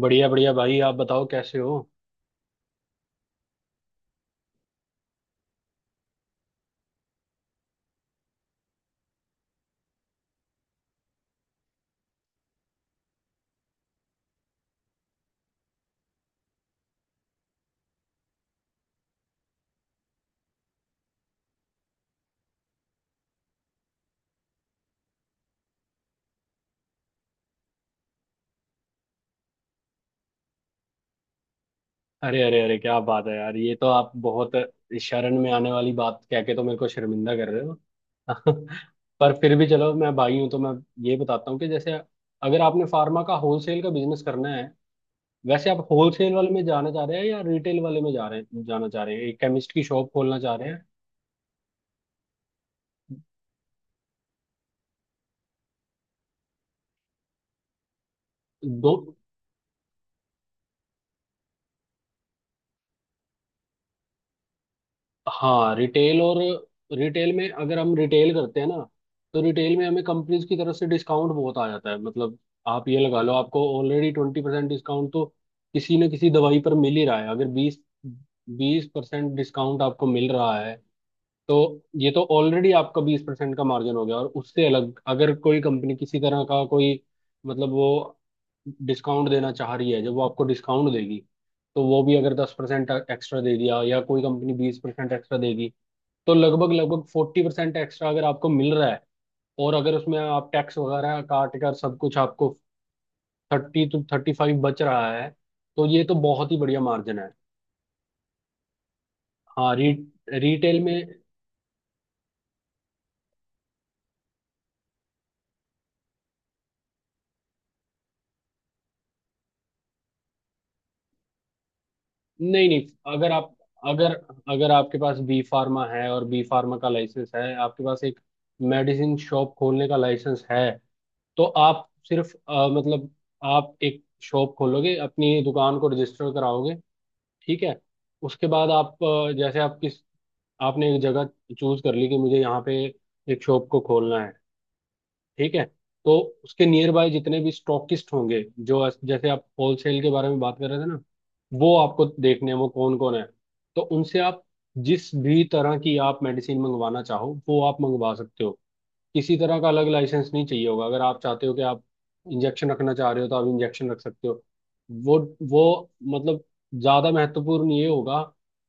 बढ़िया बढ़िया भाई, आप बताओ कैसे हो? अरे अरे अरे, क्या बात है यार। ये तो आप बहुत, शरण में आने वाली बात कह के तो मेरे को शर्मिंदा कर रहे हो। पर फिर भी चलो, मैं भाई हूं तो मैं ये बताता हूँ कि जैसे, अगर आपने फार्मा का होलसेल का बिजनेस करना है। वैसे आप होलसेल वाले में जाना चाह रहे हैं, या रिटेल वाले में जा रहे हैं जाना चाह रहे हैं, एक केमिस्ट की शॉप खोलना चाह रहे हैं? दो। हाँ, रिटेल और रिटेल में, अगर हम रिटेल करते हैं ना, तो रिटेल में हमें कंपनीज की तरफ से डिस्काउंट बहुत आ जाता है। मतलब आप ये लगा लो, आपको ऑलरेडी 20% डिस्काउंट तो किसी न किसी दवाई पर मिल ही रहा है। अगर बीस बीस परसेंट डिस्काउंट आपको मिल रहा है, तो ये तो ऑलरेडी आपका 20% का मार्जिन हो गया। और उससे अलग, अगर कोई कंपनी किसी तरह का कोई, मतलब, वो डिस्काउंट देना चाह रही है, जब वो आपको डिस्काउंट देगी, तो वो भी अगर 10% एक्स्ट्रा दे दिया, या कोई कंपनी 20% एक्स्ट्रा देगी, तो लगभग लगभग 40% एक्स्ट्रा अगर आपको मिल रहा है, और अगर उसमें आप टैक्स वगैरह काट कर सब कुछ, आपको 32-35 बच रहा है, तो ये तो बहुत ही बढ़िया मार्जिन है। हाँ, रिटेल में। नहीं नहीं, अगर आप अगर अगर आपके पास बी फार्मा है और बी फार्मा का लाइसेंस है, आपके पास एक मेडिसिन शॉप खोलने का लाइसेंस है, तो आप सिर्फ, मतलब, आप एक शॉप खोलोगे, अपनी दुकान को रजिस्टर कराओगे। ठीक है। उसके बाद आप, जैसे, आप किस आपने एक जगह चूज कर ली कि मुझे यहाँ पे एक शॉप को खोलना है। ठीक है। तो उसके नियर बाय जितने भी स्टॉकिस्ट होंगे, जैसे आप होलसेल के बारे में बात कर रहे थे ना, वो आपको देखने हैं, वो कौन कौन है। तो उनसे आप, जिस भी तरह की आप मेडिसिन मंगवाना चाहो, वो आप मंगवा सकते हो। किसी तरह का अलग लाइसेंस नहीं चाहिए होगा। अगर आप चाहते हो कि आप इंजेक्शन रखना चाह रहे हो, तो आप इंजेक्शन रख सकते हो। वो वो मतलब, ज्यादा महत्वपूर्ण ये होगा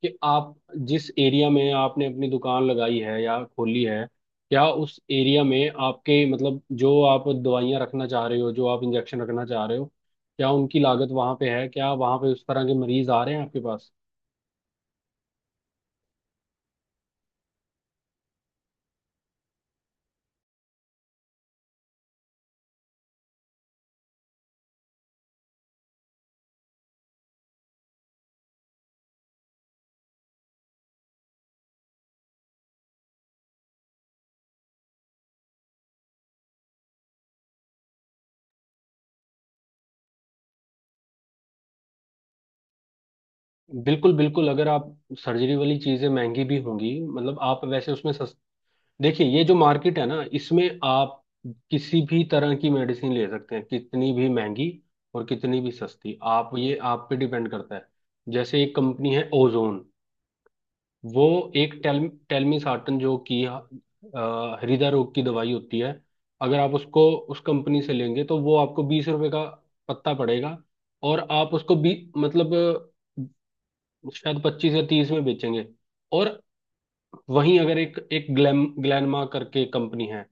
कि आप, जिस एरिया में आपने अपनी दुकान लगाई है या खोली है, क्या उस एरिया में आपके, मतलब, जो आप दवाइयाँ रखना चाह रहे हो, जो आप इंजेक्शन रखना चाह रहे हो, क्या उनकी लागत वहाँ पे है? क्या वहाँ पे उस तरह के मरीज आ रहे हैं आपके पास? बिल्कुल बिल्कुल। अगर आप सर्जरी वाली चीज़ें महंगी भी होंगी, मतलब आप वैसे उसमें सस्ती। देखिए, ये जो मार्केट है ना, इसमें आप किसी भी तरह की मेडिसिन ले सकते हैं, कितनी भी महंगी और कितनी भी सस्ती, आप, ये आप पे डिपेंड करता है। जैसे एक कंपनी है ओजोन, वो, एक टेलमिसार्टन, जो कि, हृदय रोग की दवाई होती है, अगर आप उसको उस कंपनी से लेंगे तो वो आपको 20 रुपए का पत्ता पड़ेगा। और आप उसको, बी मतलब, शायद 25 या 30 में बेचेंगे। और वहीं अगर, एक एक ग्लैम ग्लैनमा करके कंपनी है,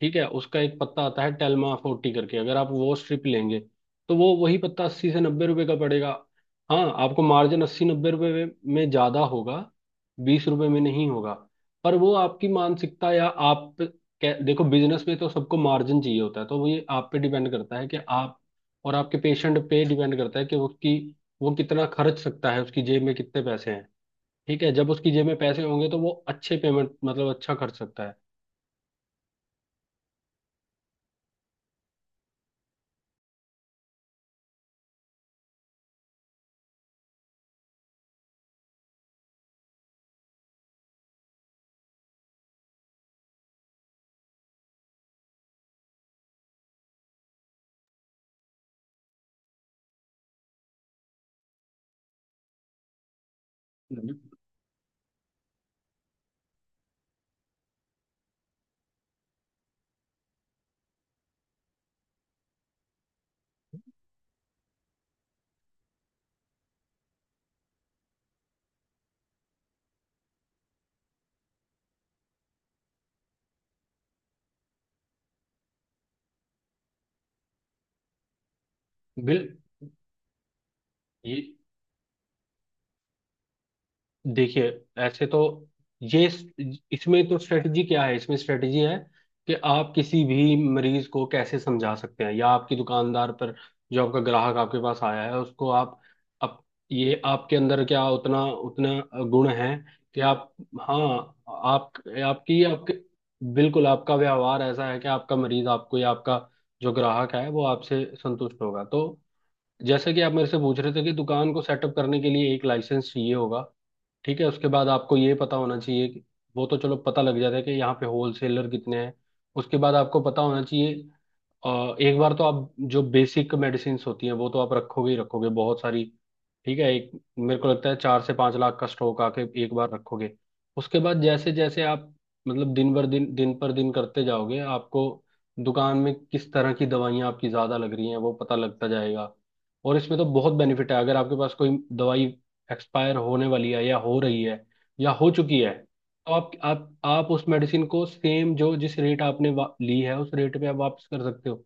ठीक है, उसका एक पत्ता आता है Telma 40 करके, अगर आप वो स्ट्रिप लेंगे तो वो वही पत्ता 80 से 90 रुपए का पड़ेगा। हाँ, आपको मार्जिन 80-90 रुपए में ज्यादा होगा, बीस रुपए में नहीं होगा। पर वो आपकी मानसिकता, या देखो, बिजनेस में तो सबको मार्जिन चाहिए होता है, तो वो, ये आप पे डिपेंड करता है कि आप, और आपके पेशेंट पे डिपेंड करता है कि उसकी, वो कितना खर्च सकता है, उसकी जेब में कितने पैसे हैं। ठीक है। जब उसकी जेब में पैसे होंगे तो वो, अच्छे पेमेंट मतलब, अच्छा खर्च सकता है। बिल बिल- ये, देखिए, ऐसे तो, ये, इसमें तो स्ट्रेटजी क्या है? इसमें स्ट्रेटजी है कि आप किसी भी मरीज को कैसे समझा सकते हैं, या आपकी, दुकानदार पर जो आपका ग्राहक आपके पास आया है, उसको आप ये आपके अंदर क्या उतना उतना गुण है कि आप, हाँ, आप आपकी आपके बिल्कुल, आपका व्यवहार ऐसा है कि आपका मरीज आपको, या आपका जो ग्राहक है वो आपसे संतुष्ट होगा। तो जैसे कि आप मेरे से पूछ रहे थे कि दुकान को सेटअप करने के लिए एक लाइसेंस चाहिए होगा, ठीक है, उसके बाद आपको ये पता होना चाहिए कि, वो तो चलो पता लग जाता है कि यहाँ पे होलसेलर कितने हैं। उसके बाद आपको पता होना चाहिए, एक बार तो आप जो बेसिक मेडिसिन होती हैं वो तो आप रखोगे ही रखोगे बहुत सारी। ठीक है। एक मेरे को लगता है, 4 से 5 लाख का स्टॉक आके एक बार रखोगे। उसके बाद जैसे जैसे आप, मतलब, दिन पर दिन करते जाओगे, आपको दुकान में किस तरह की दवाइयाँ आपकी ज़्यादा लग रही हैं वो पता लगता जाएगा। और इसमें तो बहुत बेनिफिट है। अगर आपके पास कोई दवाई एक्सपायर होने वाली है, या हो रही है, या हो चुकी है, तो, आप उस मेडिसिन को सेम, जो जिस रेट आपने ली है, उस रेट पे आप वापस कर सकते हो।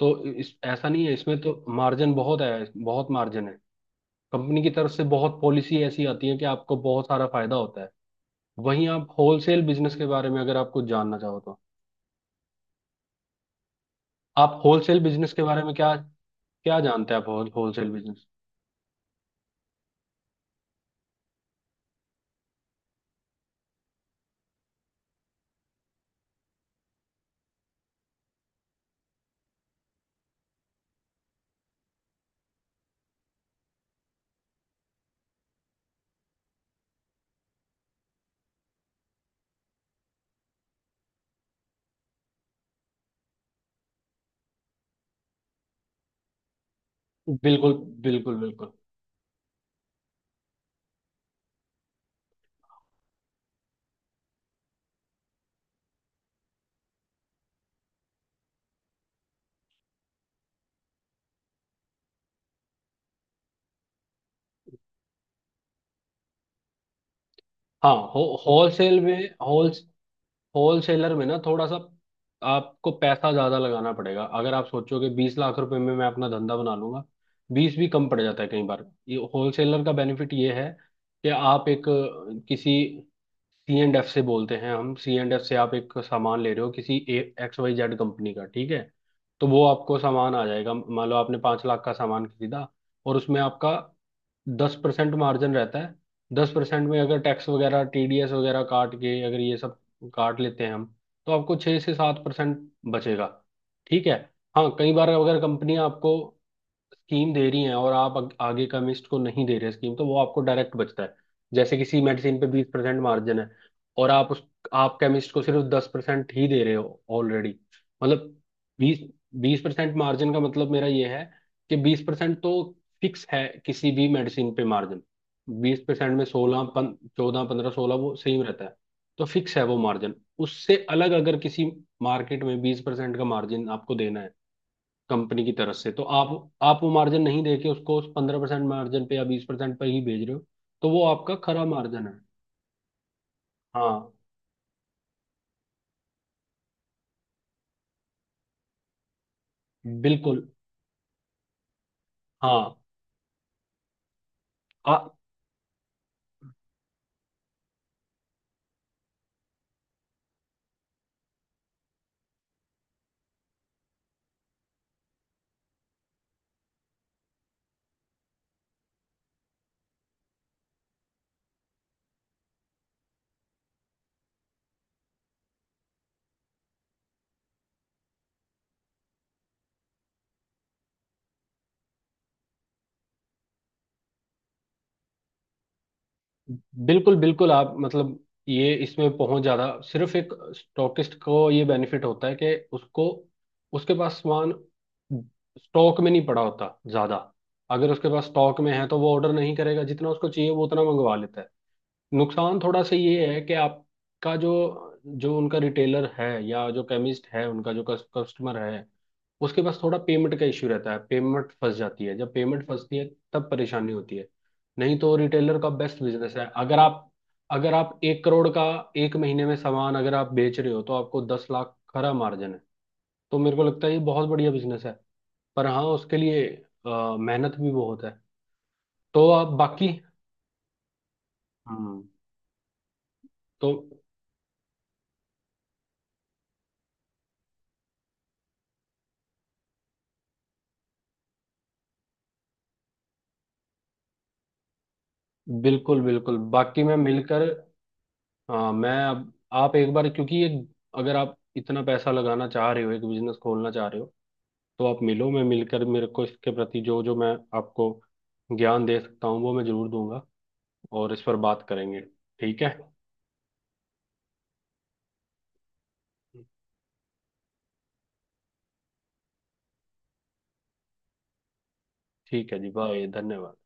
तो इस ऐसा नहीं है, इसमें तो मार्जिन बहुत है, बहुत मार्जिन है। कंपनी की तरफ से बहुत पॉलिसी ऐसी आती है कि आपको बहुत सारा फायदा होता है। वहीं आप होलसेल बिजनेस के बारे में अगर आप कुछ जानना चाहो तो, आप होलसेल बिजनेस के बारे में क्या क्या जानते हैं आप? Wholesale business. बिल्कुल बिल्कुल बिल्कुल। हाँ, होलसेल में, होल होलसेलर में ना, थोड़ा सा आपको पैसा ज्यादा लगाना पड़ेगा। अगर आप सोचोगे 20 लाख रुपए में मैं अपना धंधा बना लूंगा, 20 भी कम पड़ जाता है कई बार। ये होलसेलर का बेनिफिट ये है कि आप एक, किसी सी एंड एफ से, बोलते हैं हम, सी एंड एफ से आप एक सामान ले रहे हो किसी एक्स वाई जेड कंपनी का, ठीक है। तो वो आपको सामान आ जाएगा। मान लो आपने 5 लाख का सामान खरीदा, और उसमें आपका 10% मार्जिन रहता है। 10% में अगर टैक्स वगैरह, टीडीएस वगैरह काट के, अगर ये सब काट लेते हैं हम, तो आपको 6 से 7% बचेगा। ठीक है। हाँ, कई बार अगर कंपनियां आपको स्कीम दे रही हैं, और आप आगे का मिस्ट को नहीं दे रहे स्कीम, तो वो आपको डायरेक्ट बचता है। जैसे किसी मेडिसिन पे 20% मार्जिन है, और आप केमिस्ट को सिर्फ 10% ही दे रहे हो ऑलरेडी। मतलब, बीस बीस परसेंट मार्जिन का मतलब मेरा ये है कि 20% तो फिक्स है किसी भी मेडिसिन पे मार्जिन। 20% में, सोलह पन 14 15 16, वो सेम रहता है। तो फिक्स है वो मार्जिन। उससे अलग अगर किसी मार्केट में 20% का मार्जिन आपको देना है कंपनी की तरफ से, तो आप वो मार्जिन नहीं देके उसको 15% मार्जिन पे, या 20% पे ही भेज रहे हो, तो वो आपका खरा मार्जिन है। हाँ, बिल्कुल। हाँ, आ, बिल्कुल बिल्कुल। आप, मतलब, ये, इसमें पहुंच ज्यादा, सिर्फ एक स्टॉकिस्ट को ये बेनिफिट होता है कि उसको, उसके पास सामान स्टॉक में नहीं पड़ा होता ज्यादा। अगर उसके पास स्टॉक में है तो वो ऑर्डर नहीं करेगा, जितना उसको चाहिए वो उतना मंगवा लेता है। नुकसान थोड़ा सा ये है कि आपका जो, जो उनका रिटेलर है या जो केमिस्ट है, उनका जो कस्टमर है, उसके पास थोड़ा पेमेंट का इश्यू रहता है, पेमेंट फंस जाती है। जब पेमेंट फंसती है तब परेशानी होती है। नहीं तो रिटेलर का बेस्ट बिजनेस है। अगर आप 1 करोड़ का एक महीने में सामान अगर आप बेच रहे हो, तो आपको 10 लाख खरा मार्जिन है। तो मेरे को लगता है ये बहुत बढ़िया बिजनेस है। पर हाँ उसके लिए, मेहनत भी बहुत है। तो आप बाकी, हम्म तो, बिल्कुल बिल्कुल। बाकी मैं मिलकर, हाँ, मैं अब, आप एक बार, क्योंकि ये, अगर आप इतना पैसा लगाना चाह रहे हो, एक बिजनेस खोलना चाह रहे हो, तो आप मिलो। मैं मिलकर, मेरे को इसके प्रति जो जो मैं आपको ज्ञान दे सकता हूँ, वो मैं जरूर दूंगा। और इस पर बात करेंगे। ठीक है। ठीक है जी, बाय, धन्यवाद।